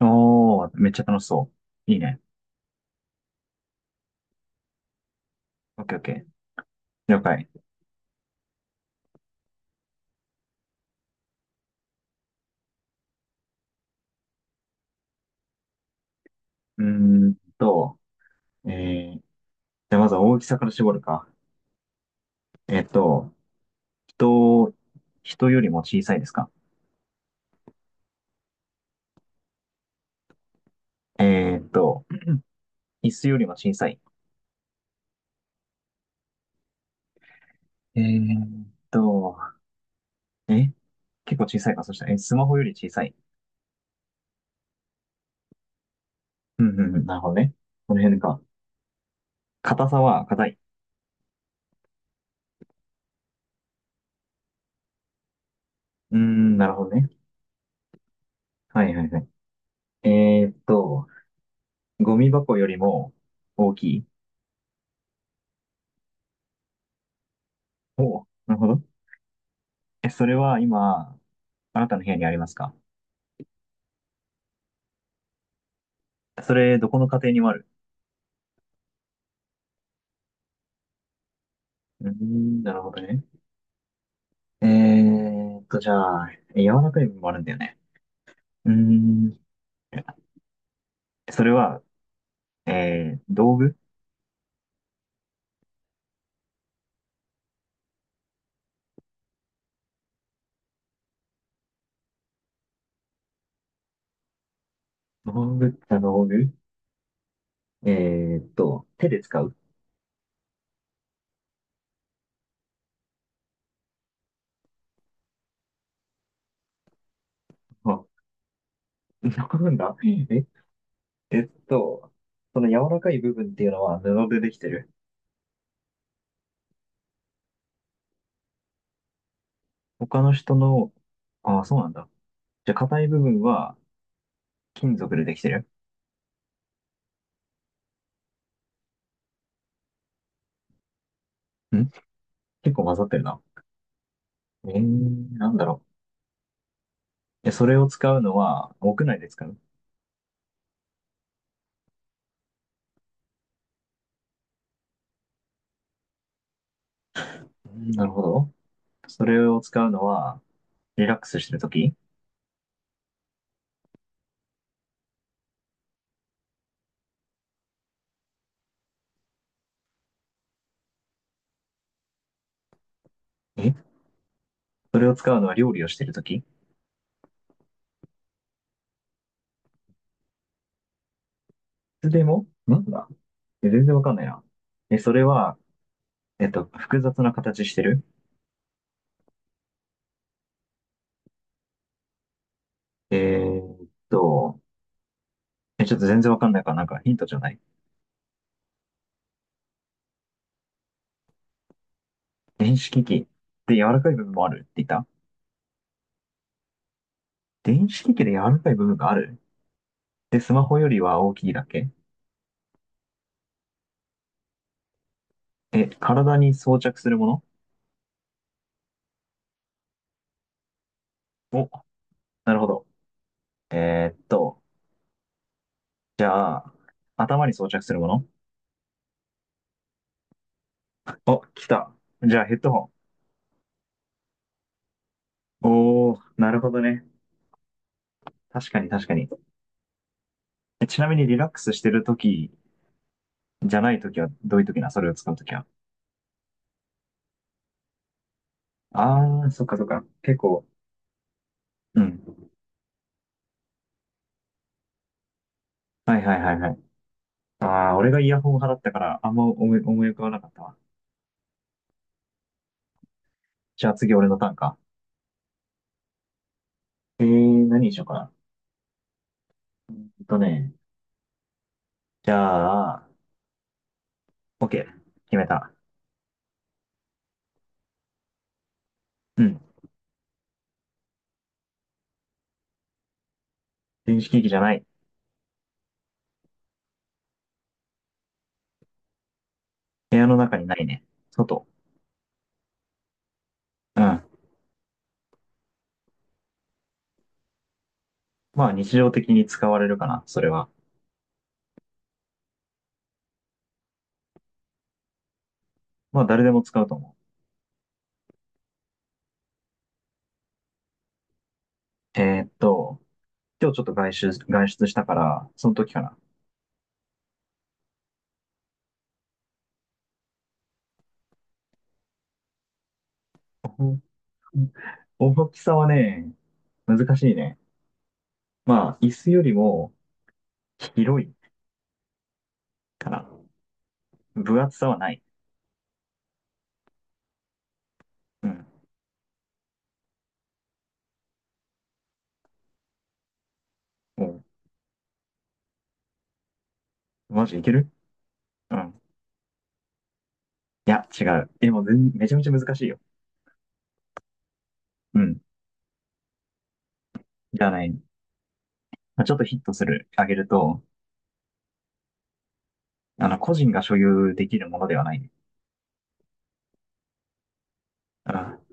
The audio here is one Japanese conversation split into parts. おー、めっちゃ楽しそう。いいね。オッケーオッケー。了解。うーんと、えじゃあまずは大きさから絞るか。えっと、人、人よりも小さいですか？えっと、椅子よりも小さい？えっと、え結構小さいか。そしたら、スマホより小さい？うんうんうん、なるほどね。この辺か。硬さは硬い？うーん、なるほどね。はいはいはい。えーっと、ゴミ箱よりも大きい？おおなるほど。それは今、あなたの部屋にありますか？それ、どこの家庭にもある？うーん、なるほどね。じゃあ、柔らかい部分もあるんだよね。うーん。それは、道具？道具って道具。手で使う？あ、なんだえ、えっと、その柔らかい部分っていうのは布でできてる？他の人の、ああ、そうなんだ。じゃあ、硬い部分は金属でできてる？ん。結構混ざってるな。なんだろう。で、それを使うのは、屋内で使う？うん、なるほど。それを使うのは、リラックスしてるとき？えそれを使うのは料理をしてるとき？いつでもなんだ。全然わかんないな。それは、複雑な形してる？えーっと、ちょっと全然わかんないから、なんかヒントじゃない？電子機器で柔らかい部分もあるって言った？電子機器で柔らかい部分がある。で、スマホよりは大きいだけ？体に装着するもの？お、なるほど。えーっと、じゃあ、頭に装着するもの？お、来た。じゃあヘッドホン。おー、なるほどね。確かに確かに。ちなみにリラックスしてるときじゃないときは、どういうときな？それを使うときは。あー、そっかそっか。結構。うん。はいはいはいはい。あー、俺がイヤホン派だったから、あんま思い浮かばなかったわ。じゃあ次俺のターンか。何にしようかな。えっとね。じゃあ、OK。決めた。うん。電子機器じゃない。部屋の中にないね。外。うん。まあ日常的に使われるかな、それは。まあ誰でも使うと思う。今日ちょっと外出したから、その時かな。大きさはね、難しいね。まあ椅子よりも広いかな。分厚さはない。うん。もう、マジいける？うん。いや、違う。でもめちゃめちゃ難しいよ。うん。じゃあね、まあ、ちょっとヒットする、あげると、個人が所有できるものではない。うん。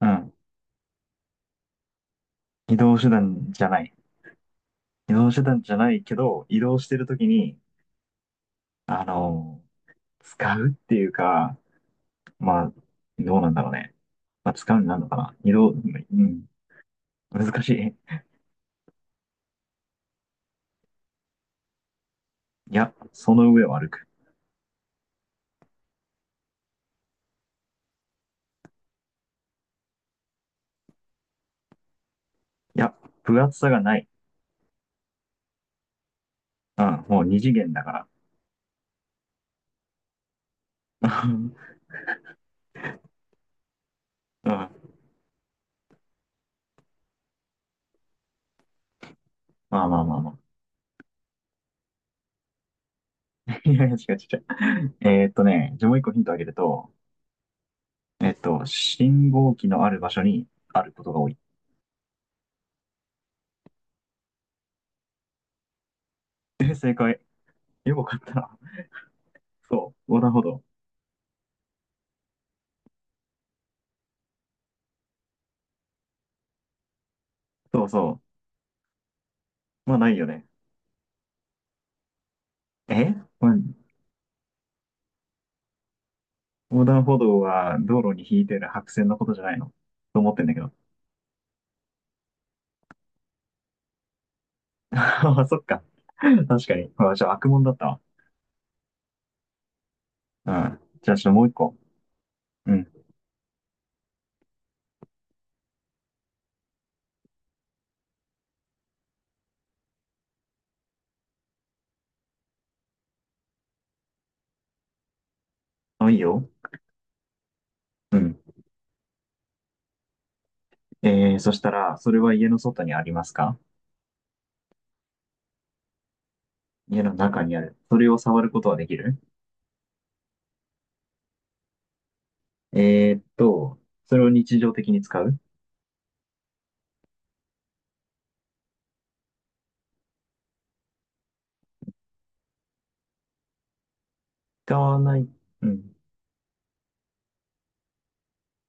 うん。移動手段じゃない。移動手段じゃないけど、移動してるときに、あの、使うっていうか、まあ、どうなんだろうね。まあ、使うになるのかな。移動、うん、難しい。いや、その上を歩く。いや、分厚さがない。うん、もう二次元だから。うん、まあまあまあまあ。いやいや、違う違う違う。じゃあもう一個ヒントあげると、信号機のある場所にあることが多い。正解。よくわかったな。そう、横断歩道。そうそう。まあないよね。うん。まあ横断歩道は道路に引いてる白線のことじゃないの？と思ってんだけど。ああ、そっか。確かに。あ、じゃあ悪者だったわ。うん。じゃあちょっともう一個。うん。あ、いいよ。うん。そしたら、それは家の外にありますか？家の中にある？それを触ることはできる？えーっと、それを日常的に使う？使わない？うん。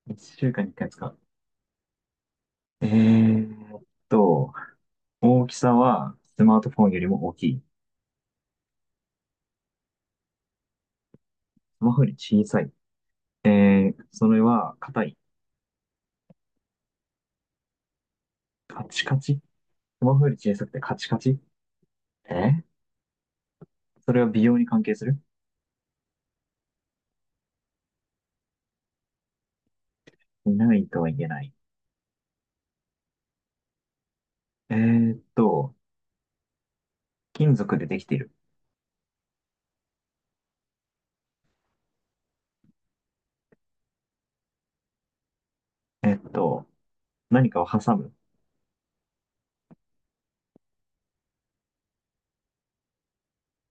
一週間に一回使う？えーっと、大きさはスマートフォンよりも大きい？スマホより小さい？それは硬い？カチカチ？スマホより小さくてカチカチ。えそれは美容に関係する？ないとは言えない？えーっと、金属でできている？えーっと、何かを挟む？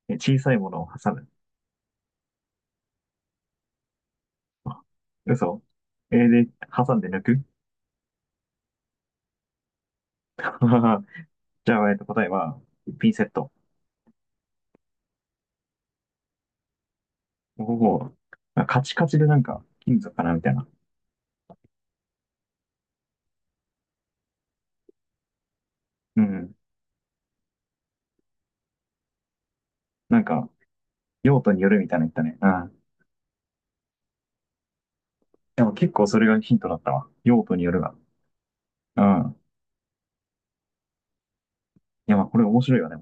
小さいものを挟む？嘘。で、挟んで抜く？ じゃあ、答えは、ピンセット。おお、カチカチでなんか、金属かなみたいな。うん。なんか、用途によるみたいなの言ったね。うん。でも結構それがヒントだったわ。用途によるが。うん。いや、まあ、これ面白いよね。